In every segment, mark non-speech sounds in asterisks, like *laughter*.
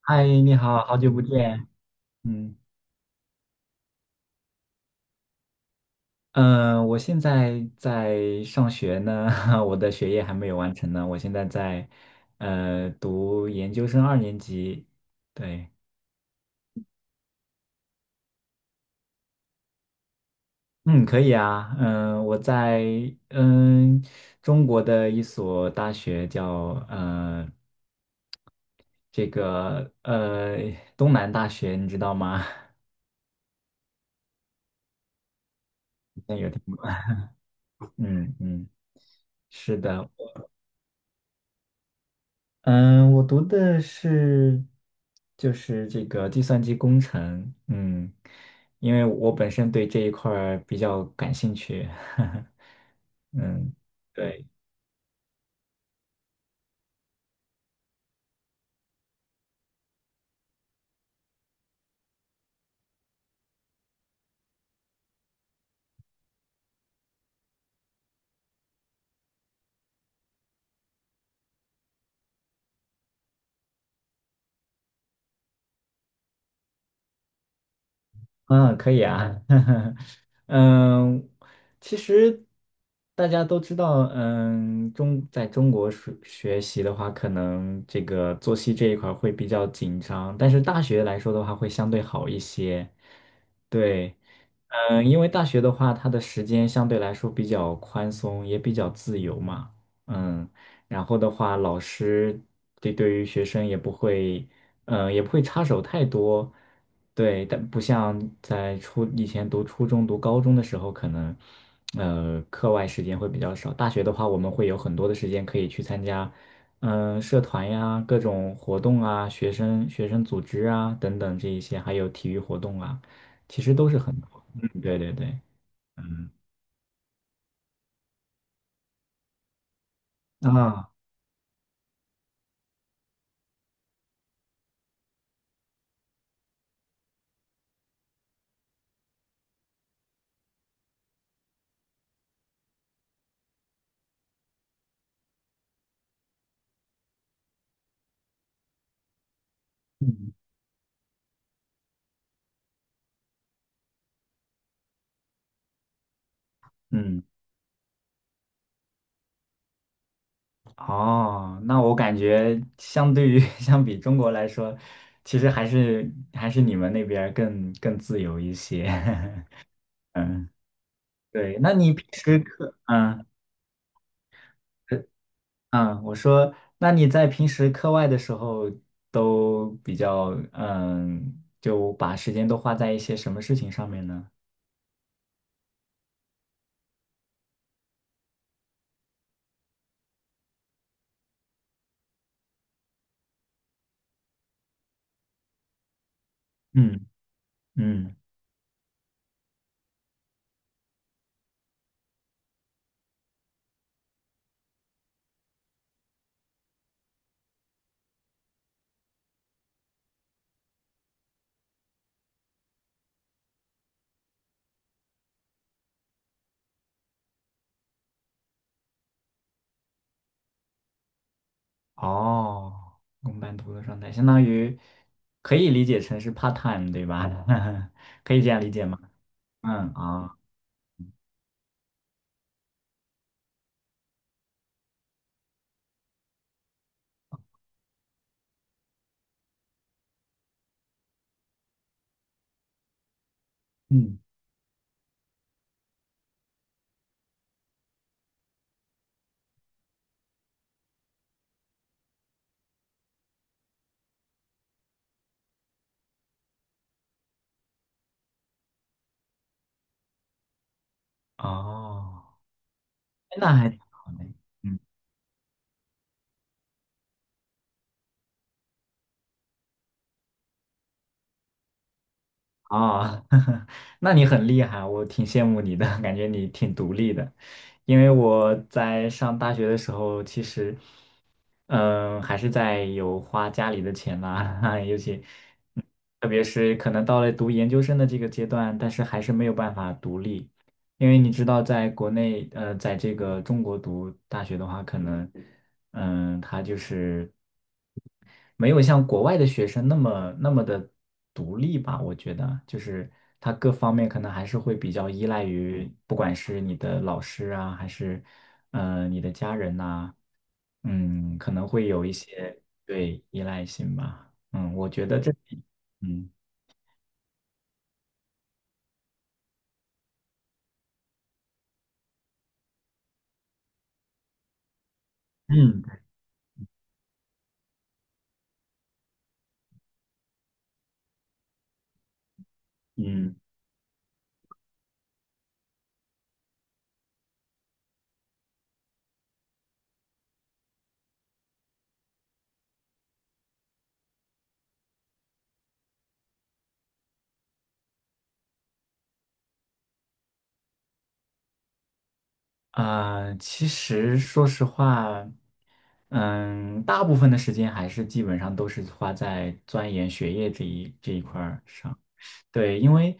嗨，你好，好久不见。嗯嗯，我现在在上学呢，*laughs* 我的学业还没有完成呢。我现在在读研究生二年级。对，嗯，可以啊。嗯，我在嗯中国的一所大学叫这个东南大学，你知道吗？*laughs* 嗯嗯，是的。嗯，我读的是就是这个计算机工程，因为我本身对这一块儿比较感兴趣，*laughs* 嗯，对，嗯，可以啊，*laughs* 嗯，其实大家都知道，在中国学习的话，可能这个作息这一块儿会比较紧张，但是大学来说的话，会相对好一些，对。因为大学的话，它的时间相对来说比较宽松，也比较自由嘛。嗯，然后的话，老师对于学生也不会，也不会插手太多。对，但不像在以前读初中、读高中的时候，可能课外时间会比较少。大学的话，我们会有很多的时间可以去参加，社团呀、各种活动啊、学生组织啊等等这一些，还有体育活动啊，其实都是很对对对，嗯啊，嗯嗯，哦，那我感觉相对于 *laughs* 相比中国来说，其实还是你们那边儿更自由一些。*laughs* 嗯，对，那你平时课，嗯呃嗯，我说，那你在平时课外的时候都比较，就把时间都花在一些什么事情上面呢？嗯嗯。哦，公办读的状态，相当于可以理解成是 part time，对吧？*laughs* 可以这样理解吗？嗯啊，嗯哦，那还挺好的，嗯哦，*laughs* 那你很厉害，我挺羡慕你的，感觉你挺独立的。因为我在上大学的时候，其实，还是在有花家里的钱啦，*laughs* 尤其，嗯特别是可能到了读研究生的这个阶段，但是还是没有办法独立。因为你知道，在国内，在这个中国读大学的话，可能，他就是没有像国外的学生那么那么的独立吧。我觉得，就是他各方面可能还是会比较依赖于，不管是你的老师啊，还是，你的家人呐，可能会有一些对依赖性吧。嗯，我觉得这，嗯嗯嗯。其实说实话，大部分的时间还是基本上都是花在钻研学业这一块儿上。对，因为，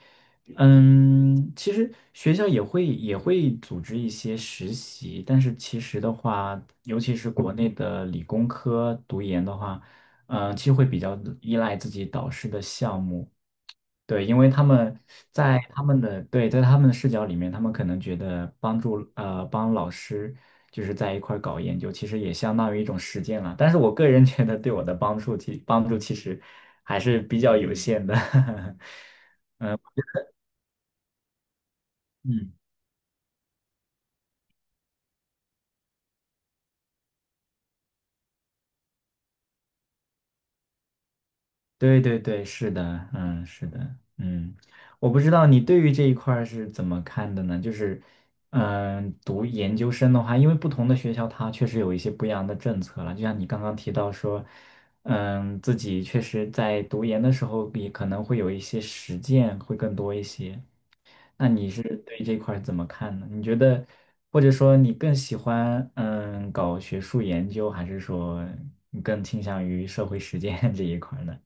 其实学校也会组织一些实习，但是其实的话，尤其是国内的理工科读研的话，其实会比较依赖自己导师的项目。对，因为他们在他们的对，在他们的视角里面，他们可能觉得帮老师就是在一块儿搞研究，其实也相当于一种实践了。但是我个人觉得对我的帮助其实还是比较有限的。*laughs* 嗯对对对，是的，是的，我不知道你对于这一块儿是怎么看的呢？就是，读研究生的话，因为不同的学校它确实有一些不一样的政策了，就像你刚刚提到说，自己确实在读研的时候也可能会有一些实践会更多一些。那你是对这块儿怎么看呢？你觉得，或者说你更喜欢搞学术研究，还是说你更倾向于社会实践 *laughs* 这一块儿呢？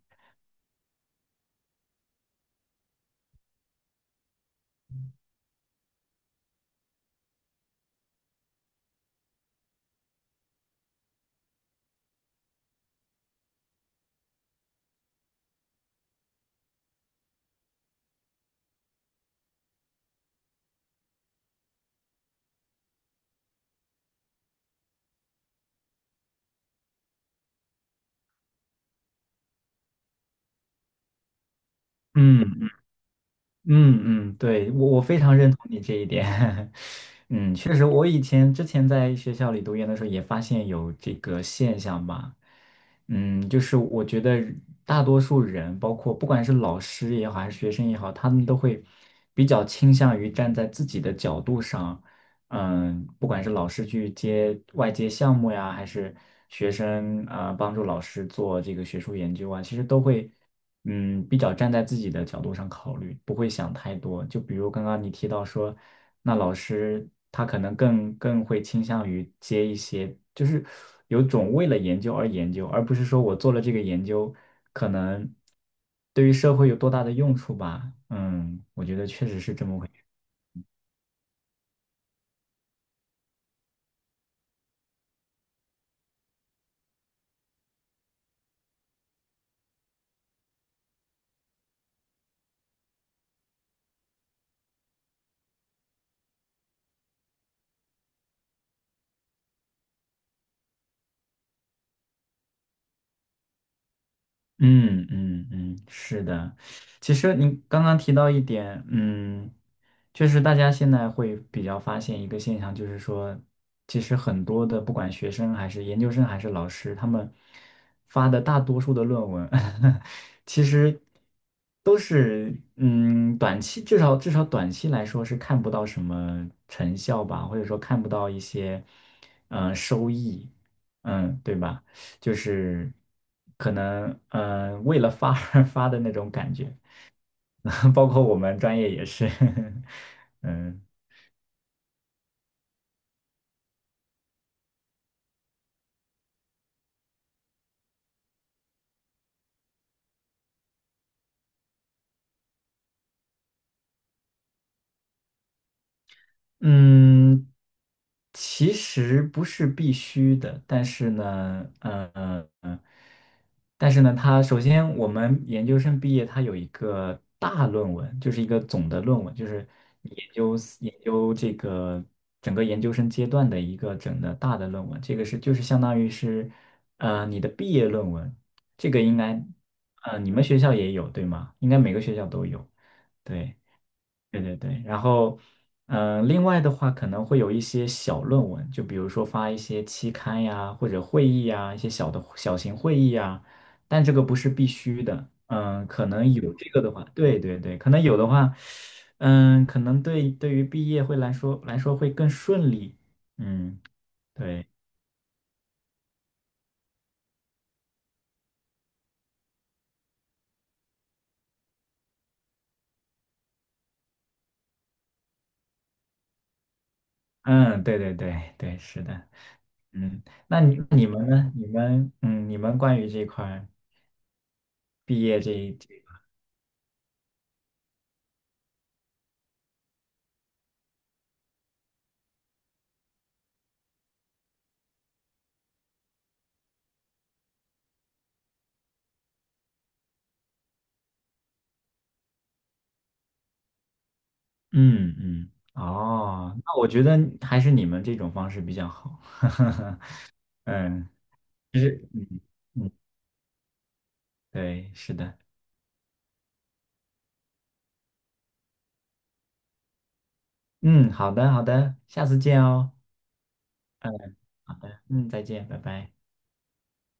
嗯嗯嗯，对，我非常认同你这一点。*laughs* 确实，我之前在学校里读研的时候也发现有这个现象吧。就是我觉得大多数人，包括不管是老师也好，还是学生也好，他们都会比较倾向于站在自己的角度上。不管是老师去接项目呀，还是学生啊，帮助老师做这个学术研究啊，其实都会。比较站在自己的角度上考虑，不会想太多。就比如刚刚你提到说，那老师他可能更会倾向于接一些，就是有种为了研究而研究，而不是说我做了这个研究，可能对于社会有多大的用处吧。嗯，我觉得确实是这么回事。嗯嗯嗯，是的。其实您刚刚提到一点，就是大家现在会比较发现一个现象，就是说，其实很多的不管学生还是研究生还是老师，他们发的大多数的论文，*laughs* 其实都是短期，至少短期来说是看不到什么成效吧，或者说看不到一些收益，对吧？就是可能为了发而 *laughs* 发的那种感觉，*laughs* 包括我们专业也是，*laughs* 嗯。嗯，其实不是必须的，但是呢，但是呢，它首先我们研究生毕业，它有一个大论文，就是一个总的论文，就是你研究这个整个研究生阶段的一个整的大的论文，这个是就是相当于是你的毕业论文，这个应该你们学校也有对吗？应该每个学校都有，对。对对对，然后，另外的话可能会有一些小论文，就比如说发一些期刊呀，或者会议呀，一些小的小型会议呀，但这个不是必须的，可能有这个的话，对对对，可能有的话，可能对于毕业会来说会更顺利，嗯，对，嗯，对对对对，是的，嗯，那你们呢？你们关于这块儿毕业这一嗯嗯，哦，那我觉得还是你们这种方式比较好。*laughs* 嗯，就是嗯嗯，对，是的，嗯，好的好的，下次见哦。嗯，好的，再见，拜拜。